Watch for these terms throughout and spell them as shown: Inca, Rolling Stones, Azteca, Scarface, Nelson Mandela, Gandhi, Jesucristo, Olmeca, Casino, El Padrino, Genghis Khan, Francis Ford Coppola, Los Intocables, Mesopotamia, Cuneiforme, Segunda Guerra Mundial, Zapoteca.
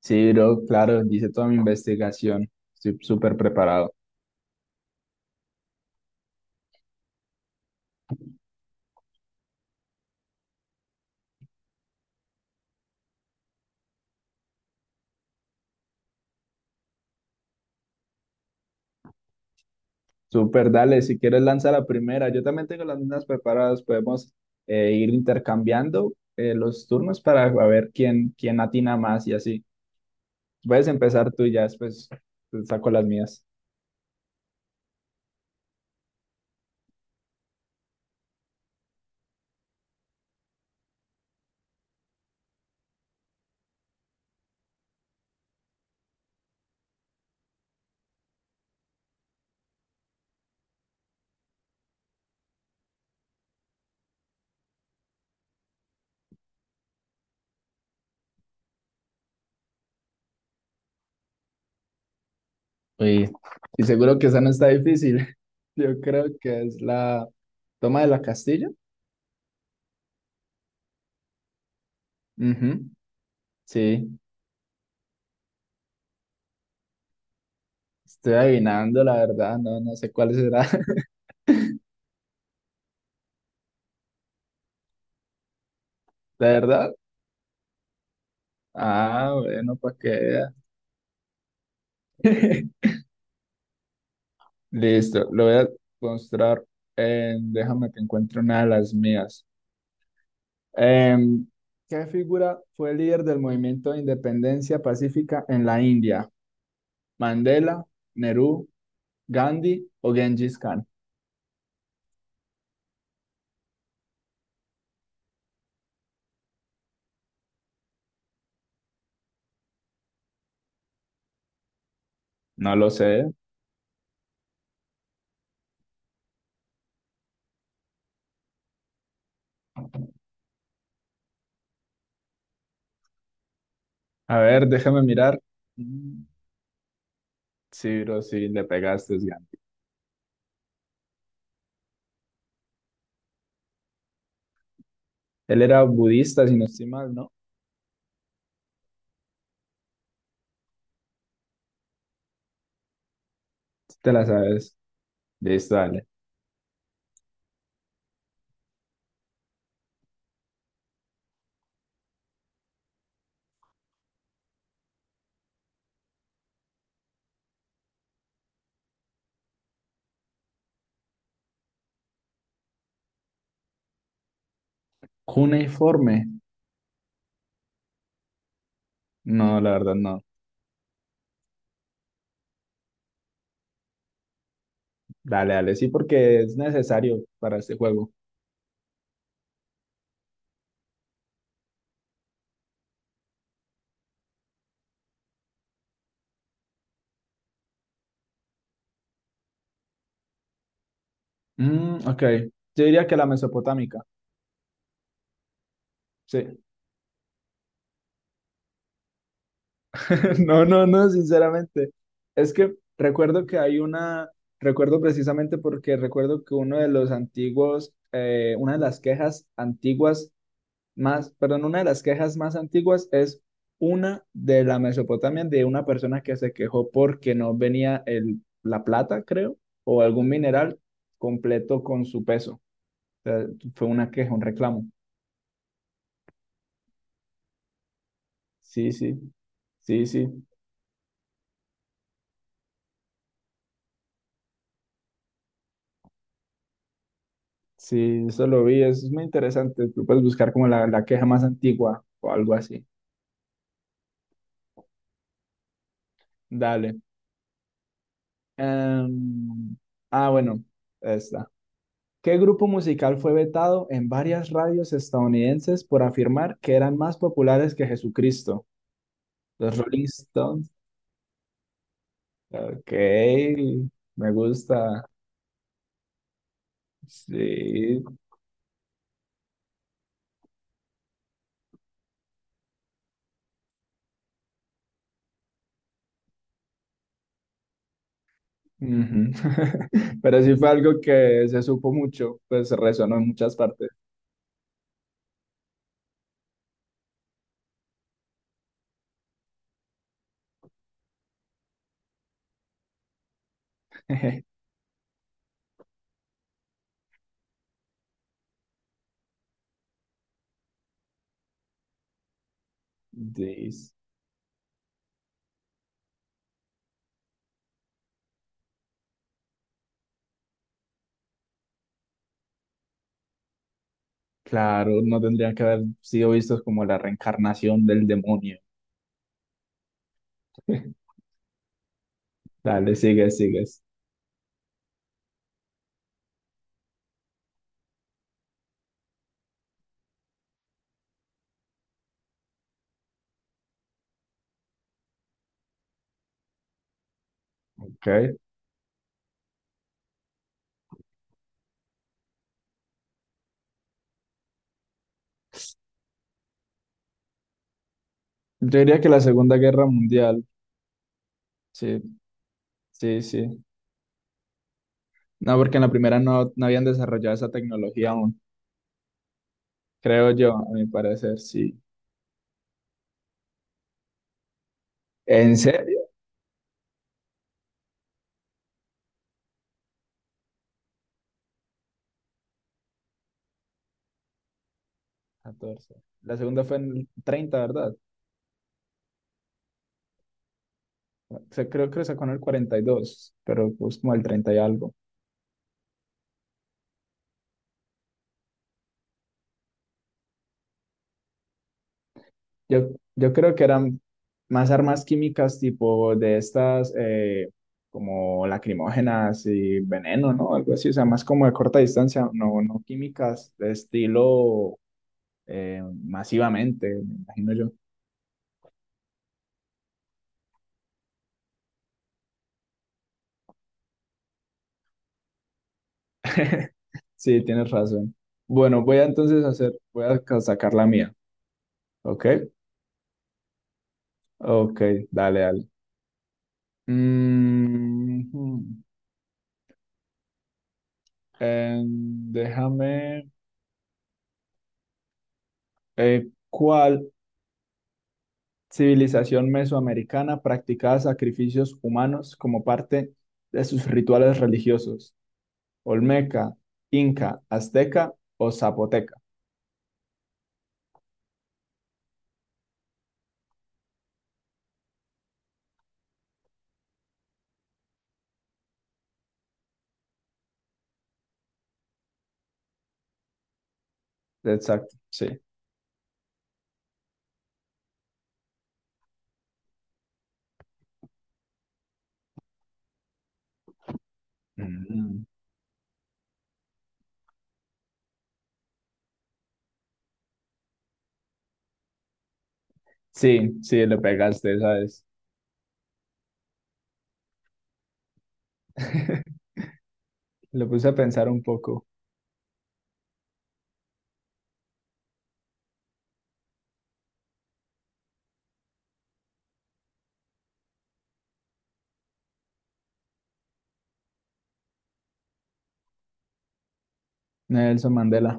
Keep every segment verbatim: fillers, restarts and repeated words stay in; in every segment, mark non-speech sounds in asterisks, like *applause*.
Sí, bro, claro, hice toda mi investigación. Estoy súper preparado. Súper, dale, si quieres lanza la primera. Yo también tengo las mismas preparadas. Podemos eh, ir intercambiando eh, los turnos para ver quién, quién atina más y así. Puedes empezar tú y ya después te saco las mías. Uy, y seguro que esa no está difícil. *laughs* Yo creo que es la toma de la Castilla. Ujú, sí, estoy adivinando, la verdad. No, no sé cuál será. ¿De verdad? Ah, bueno, pues que vea. *laughs* Listo, lo voy a mostrar. En- déjame que encuentre una de las mías. Em, ¿Qué figura fue líder del movimiento de independencia pacífica en la India? ¿Mandela, Nehru, Gandhi o Genghis Khan? No lo sé. A ver, déjame mirar. Mm, sí, bro, sí, le pegaste, es Gandhi. Él era budista, si no estoy mal, ¿no? Te la sabes. Listo, dale. Cuneiforme. No, la verdad, no. Dale, dale, sí, porque es necesario para este juego. Mm, ok, yo diría que la mesopotámica, sí. *laughs* No, no, no, sinceramente. Es que recuerdo que hay una, recuerdo precisamente porque recuerdo que uno de los antiguos, eh, una de las quejas antiguas más, perdón, una de las quejas más antiguas es una de la Mesopotamia, de una persona que se quejó porque no venía el, la plata, creo, o algún mineral completo con su peso. Sea, fue una queja, un reclamo. Sí, sí, sí, sí, sí, eso lo vi, eso es muy interesante. Tú puedes buscar como la, la queja más antigua o algo así. Dale. Em, ah, bueno, esta. ¿Qué grupo musical fue vetado en varias radios estadounidenses por afirmar que eran más populares que Jesucristo? Los Rolling Stones. Ok, me gusta. Sí, ujú. *laughs* Pero sí fue algo que se supo mucho, pues resonó en muchas partes. *laughs* Dis- Claro, no tendría que haber sido vistos como la reencarnación del demonio. *laughs* Dale, sigue, sigues. Okay. Yo diría que la Segunda Guerra Mundial, sí, sí, sí. No, porque en la primera no, no habían desarrollado esa tecnología aún, creo yo, a mi parecer, sí. ¿En serio? catorce. La segunda fue en el treinta, ¿verdad? O sea, creo que sacó en el cuarenta y dos, pero pues como el treinta y algo. Yo, yo creo que eran más armas químicas tipo de estas, eh, como lacrimógenas y veneno, ¿no? Algo así, o sea, más como de corta distancia, no, no químicas de estilo eh, masivamente, me imagino yo. *laughs* Sí, tienes razón. Bueno, voy a entonces hacer, voy a ca- sacar la mía, ¿ok? Ok, dale, dale. Mm, hmm, em, déjame, eh, ¿cuál civilización mesoamericana practicaba sacrificios humanos como parte de sus rituales religiosos? Olmeca, Inca, Azteca o Zapoteca. Exacto, sí. Mm. Sí, sí, le pegaste, ¿sabes? *laughs* Lo puse a pensar un poco. Nelson Mandela.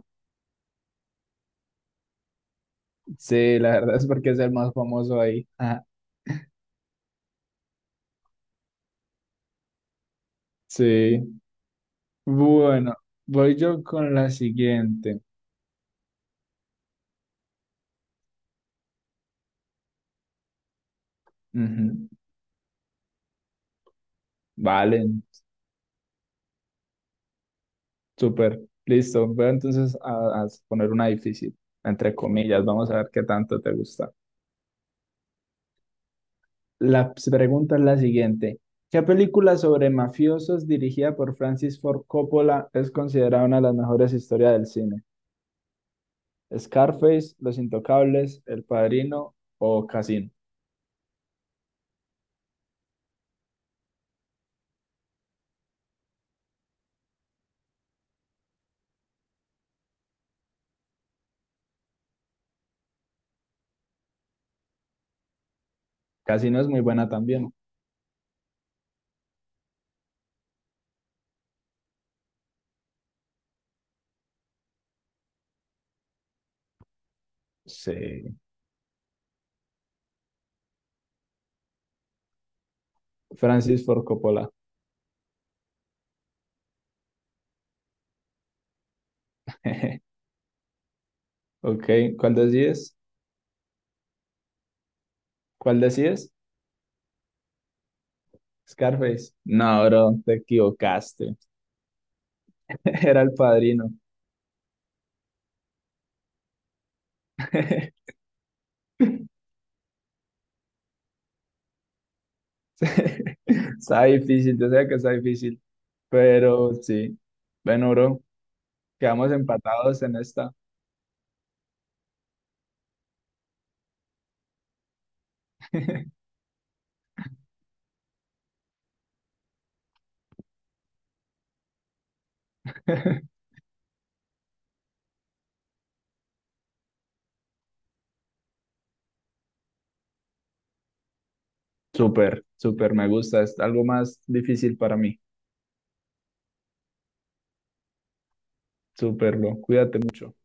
Sí, la verdad es porque es el más famoso ahí. Ajá, sí. Bueno, voy yo con la siguiente. Ujú. Vale. Súper, listo. Voy entonces a, a poner una difícil, entre comillas. Vamos a ver qué tanto te gusta. La s- pregunta es la siguiente. ¿Qué película sobre mafiosos dirigida por Francis Ford Coppola es considerada una de las mejores historias del cine? ¿Scarface, Los Intocables, El Padrino o Casino? Casino es muy buena también. Sí. Francis Ford Coppola. *laughs* Ok, ¿cuál decides? ¿Cuál decides? Scarface. No, bro, te equivocaste. *laughs* Era El Padrino. *laughs* Está difícil, yo sé que está difícil, pero sí. Bueno, bro, quedamos empatados en esta. *laughs* Súper, súper, me gusta. Es algo más difícil para mí. Súper, bro. Cuídate mucho.